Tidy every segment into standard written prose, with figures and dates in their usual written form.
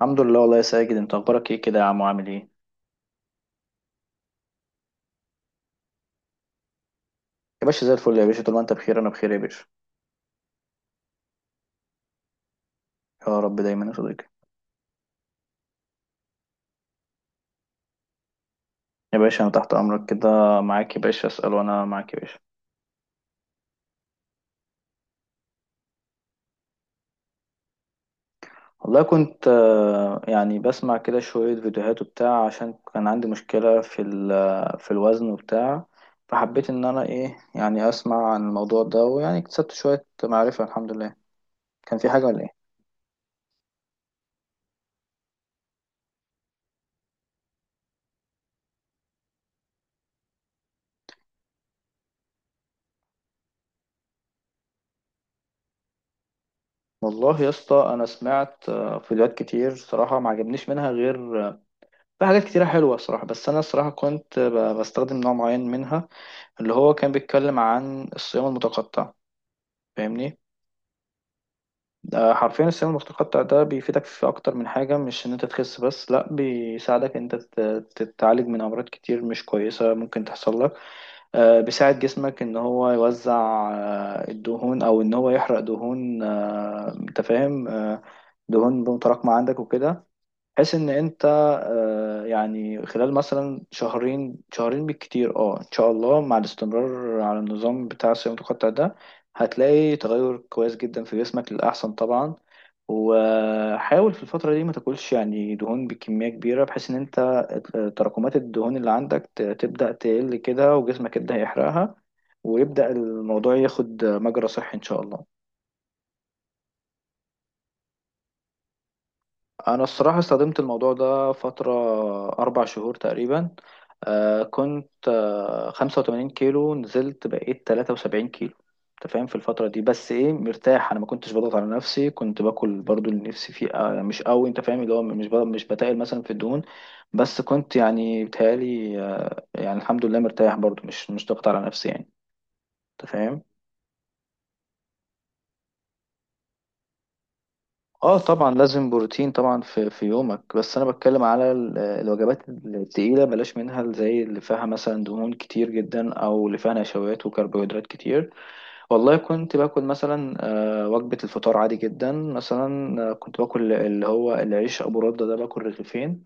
الحمد لله، والله يا ساجد، انت اخبارك ايه كده يا عم وعامل ايه؟ يا باشا زي الفل يا باشا، طول ما انت بخير انا بخير يا باشا. يا رب دايما يا صديقي. يا باشا انا تحت امرك كده معاك يا باشا، اسال وانا معاك يا باشا. والله كنت يعني بسمع كده شويه فيديوهات وبتاع، عشان كان عندي مشكله في ال- آه، في الوزن وبتاع. فحبيت ان انا ايه يعني اسمع عن الموضوع ده، ويعني اكتسبت شويه معرفه. الحمد لله. كان في حاجه ولا ايه؟ والله يا اسطى انا سمعت فيديوهات كتير صراحه، ما عجبنيش منها غير في حاجات كتيرة حلوة الصراحة، بس أنا الصراحة كنت بستخدم نوع معين منها، اللي هو كان بيتكلم عن الصيام المتقطع. فاهمني؟ ده حرفيا الصيام المتقطع ده بيفيدك في أكتر من حاجة، مش إن أنت تخس بس، لأ بيساعدك إن أنت تتعالج من أمراض كتير مش كويسة ممكن تحصل لك. بيساعد جسمك إن هو يوزع الدهون، أو إن هو يحرق دهون. أنت فاهم؟ دهون متراكمة عندك وكده. بحيث ان انت يعني خلال مثلا شهرين شهرين بالكتير، ان شاء الله مع الاستمرار على النظام بتاع الصيام المتقطع ده، هتلاقي تغير كويس جدا في جسمك للأحسن طبعا. وحاول في الفترة دي ما تاكلش يعني دهون بكمية كبيرة، بحيث ان انت تراكمات الدهون اللي عندك تبدأ تقل كده وجسمك يبدأ يحرقها، ويبدأ الموضوع ياخد مجرى صحي ان شاء الله. انا الصراحه استخدمت الموضوع ده فتره، 4 شهور تقريبا. كنت 85 كيلو، نزلت بقيت 73 كيلو. انت فاهم؟ في الفتره دي بس ايه، مرتاح، انا ما كنتش بضغط على نفسي. كنت باكل برضو اللي نفسي فيه، مش قوي، انت فاهم؟ اللي هو مش بتقل مثلا في الدهون. بس كنت يعني بتهيالي، يعني الحمد لله مرتاح برضو، مش ضغط على نفسي يعني. انت فاهم؟ اه، طبعا لازم بروتين طبعا في يومك، بس انا بتكلم على الوجبات التقيله، بلاش منها زي اللي فيها مثلا دهون كتير جدا، او اللي فيها نشويات وكربوهيدرات كتير. والله كنت باكل مثلا، وجبه الفطار عادي جدا مثلا. كنت باكل اللي هو العيش ابو رده ده، باكل 2 رغيف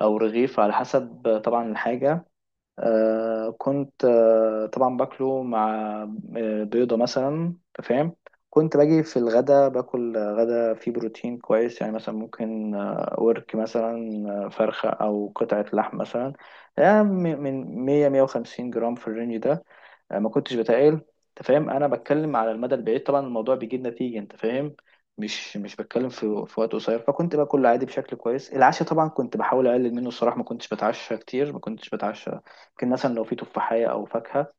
او رغيف على حسب، طبعا الحاجه. كنت طبعا باكله مع بيضة مثلا. أنت فاهم؟ كنت باجي في الغدا باكل غدا فيه بروتين كويس، يعني مثلا ممكن ورك مثلا، فرخة أو قطعة لحم مثلا، يعني من 100 150 جرام في الرينج ده. أنا ما كنتش بتقال. انت فاهم؟ انا بتكلم على المدى البعيد، طبعا الموضوع بيجيب نتيجه. انت فاهم؟ مش بتكلم في وقت قصير. فكنت باكل عادي بشكل كويس. العشاء طبعا كنت بحاول اقلل منه الصراحه، ما كنتش بتعشى كتير، ما كنتش بتعشى. يمكن مثلا لو في تفاحيه او فاكهه.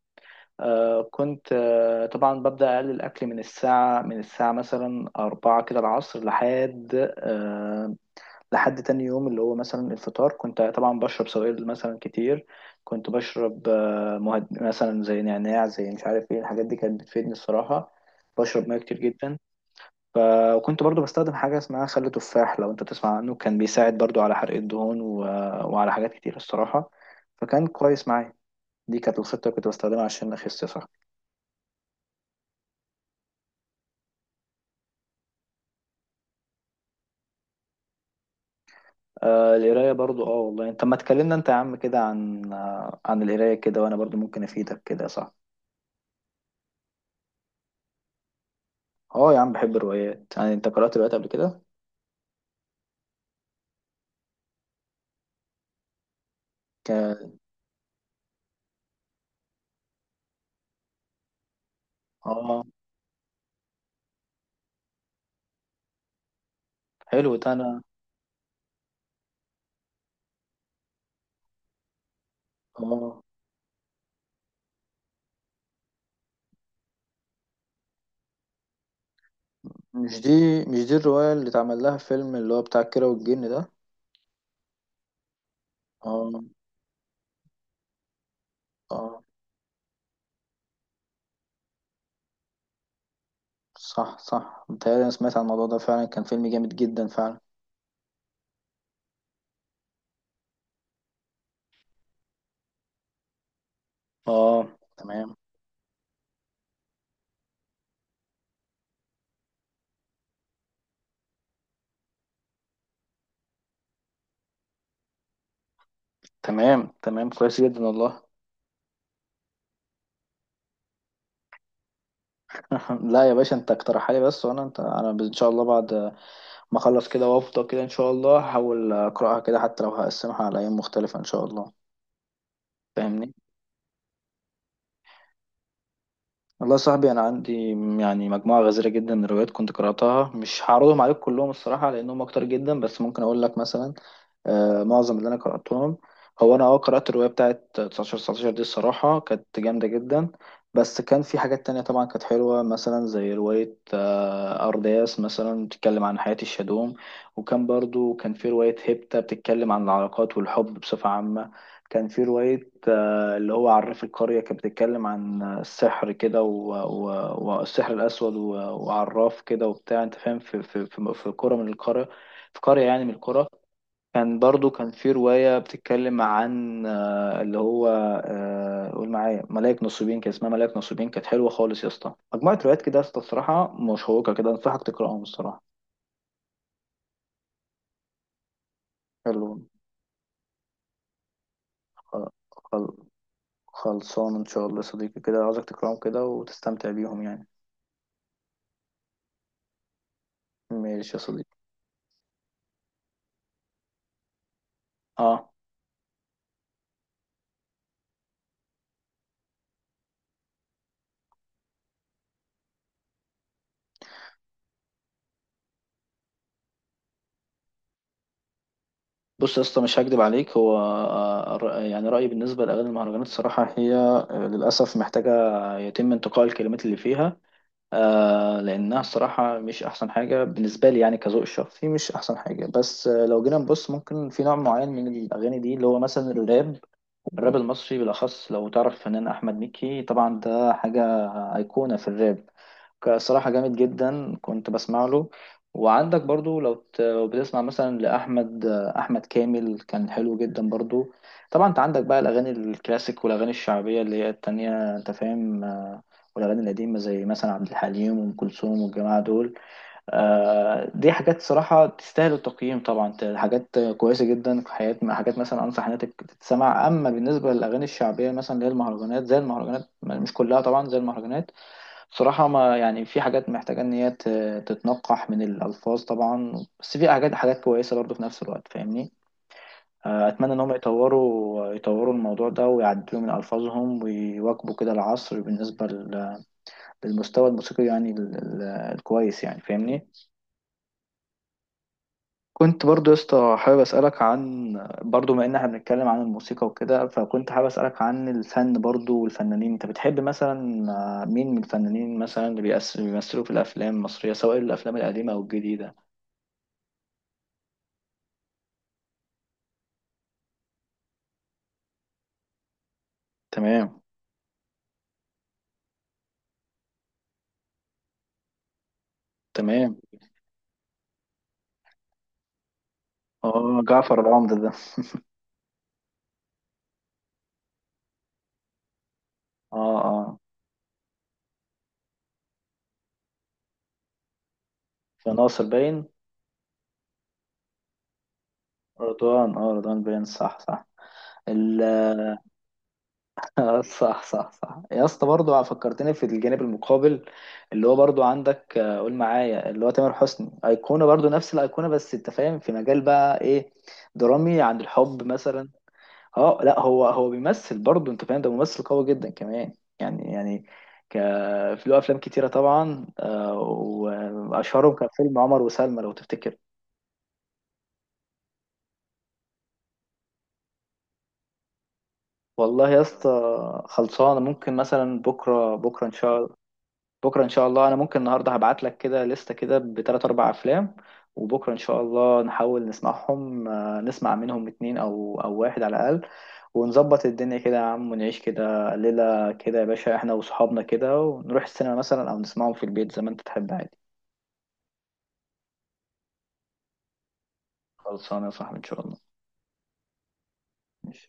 كنت طبعا ببدا اقلل الاكل من الساعه، مثلا أربعة كده العصر، لحد لحد تاني يوم اللي هو مثلا الفطار. كنت طبعا بشرب سوائل مثلا كتير. كنت بشرب مثلا زي نعناع، زي مش عارف ايه الحاجات دي، كانت بتفيدني الصراحة. بشرب ميه كتير جدا. ف... وكنت برضو بستخدم حاجة اسمها خل تفاح، لو انت تسمع عنه كان بيساعد برضو على حرق الدهون وعلى حاجات كتير الصراحة. فكان كويس معايا. دي كانت الخطة اللي كنت بستخدمها عشان أخس، صح؟ القراية برضو، والله انت ما تكلمنا انت يا عم كده عن عن القراية كده، وانا برضو ممكن افيدك كده، صح؟ اه، يا عم بحب الروايات. يعني انت قرأت روايات قبل كده؟ ك... اه، حلو ده. انا اه مش دي مش دي الرواية اللي اتعمل لها فيلم، اللي هو بتاع كيرة والجن ده؟ اه، اه، صح، صح، متهيألي انا سمعت عن الموضوع ده فعلا، كان فيلم جامد جدا فعلا. اه، تمام، تمام، تمام، كويس جدا والله. لا يا باشا، انت اقترحها لي بس، وانا انت انا ان شاء الله بعد ما اخلص كده وافضى كده، ان شاء الله هحاول اقراها كده، حتى لو هقسمها على ايام مختلفة ان شاء الله. فاهمني؟ والله يا صاحبي انا عندي يعني مجموعه غزيره جدا من الروايات كنت قراتها، مش هعرضهم عليك كلهم الصراحه لانهم اكتر جدا، بس ممكن اقول لك مثلا، معظم اللي انا قراتهم. هو انا، قرات الروايه بتاعت 19 19 دي، الصراحه كانت جامده جدا. بس كان في حاجات تانية طبعا كانت حلوه، مثلا زي روايه، ارداس مثلا، بتتكلم عن حياه الشادوم. وكان برضو كان في روايه هيبتا بتتكلم عن العلاقات والحب بصفه عامه. كان في روايه اللي هو عرف القريه، كانت بتتكلم عن السحر كده والسحر الاسود وعراف كده وبتاع، انت فاهم، في قرى من القرى، في قريه يعني من القرى. كان برضو كان في رواية بتتكلم عن اللي هو قول معايا ملاك نصيبين، كان اسمها ملاك نصيبين، كانت حلوة خالص يا اسطى. مجموعة روايات كده يا اسطى الصراحة مشوقة كده، أنصحك تقرأهم الصراحة. حلو. خل- خل- خلصان إن شاء الله يا صديقي كده، عاوزك تقرأهم كده وتستمتع بيهم يعني. ماشي يا صديقي. اه، بص يا اسطى، مش هكدب عليك، هو يعني رأيي بالنسبة لأغاني المهرجانات الصراحة، هي للأسف محتاجة يتم انتقاء الكلمات اللي فيها. لأنها الصراحة مش أحسن حاجة بالنسبة لي، يعني كذوق الشخصي مش أحسن حاجة، بس لو جينا نبص ممكن في نوع معين من الأغاني دي اللي هو مثلا الراب. الراب المصري بالأخص، لو تعرف فنان أحمد مكي طبعا ده حاجة أيقونة في الراب، صراحة جامد جدا كنت بسمع له. وعندك برضو، لو بتسمع مثلا لأحمد كامل، كان حلو جدا برضو. طبعا أنت عندك بقى الأغاني الكلاسيك والأغاني الشعبية اللي هي التانية، أنت فاهم؟ والأغاني القديمة زي مثلا عبد الحليم وأم كلثوم والجماعة دول. دي حاجات صراحة تستاهل التقييم طبعا، حاجات كويسة جدا في حياة، حاجات مثلا أنصح إنها تتسمع. أما بالنسبة للأغاني الشعبية مثلا اللي هي المهرجانات، زي المهرجانات مش كلها طبعا، زي المهرجانات بصراحة، ما يعني في حاجات محتاجة إن هي تتنقح من الألفاظ طبعا. بس في حاجات حاجات كويسة برضه في نفس الوقت. فاهمني؟ أتمنى إن هم يطوروا الموضوع ده ويعدلوا من ألفاظهم ويواكبوا كده العصر، بالنسبة للمستوى الموسيقي يعني الكويس يعني. فاهمني؟ كنت برضو يا اسطى حابب اسالك عن، برضو ما ان احنا بنتكلم عن الموسيقى وكده، فكنت حابب اسالك عن الفن برضو والفنانين. انت بتحب مثلا مين من الفنانين مثلا، بيمثلوا في الافلام المصريه، سواء الافلام القديمه او الجديده؟ تمام، تمام، اه، جعفر العمدة ده. اه، اه، في ناصر باين. رضوان باين، صح، صح. صح، صح، صح يا اسطى برضه، فكرتني في الجانب المقابل، اللي هو برضه عندك قول معايا اللي هو تامر حسني، ايقونه برضه نفس الايقونه، بس انت فاهم في مجال بقى ايه، درامي عن الحب مثلا. اه، لا، هو بيمثل برضه، انت فاهم ده ممثل قوي جدا كمان. يعني ك في له افلام كتيره طبعا، واشهرهم كان فيلم عمر وسلمى، لو تفتكر. والله يا اسطى خلصانه، ممكن مثلا بكره ان شاء الله انا ممكن النهارده هبعت لك كده لستة كده بثلاث اربع افلام. وبكره ان شاء الله نحاول نسمع منهم 2 او واحد على الاقل، ونظبط الدنيا كده يا عم، ونعيش كده ليله كده يا باشا، احنا واصحابنا كده، ونروح السينما مثلا او نسمعهم في البيت زي ما انت تحب عادي. خلصانه يا صاحبي ان شاء الله. ماشي.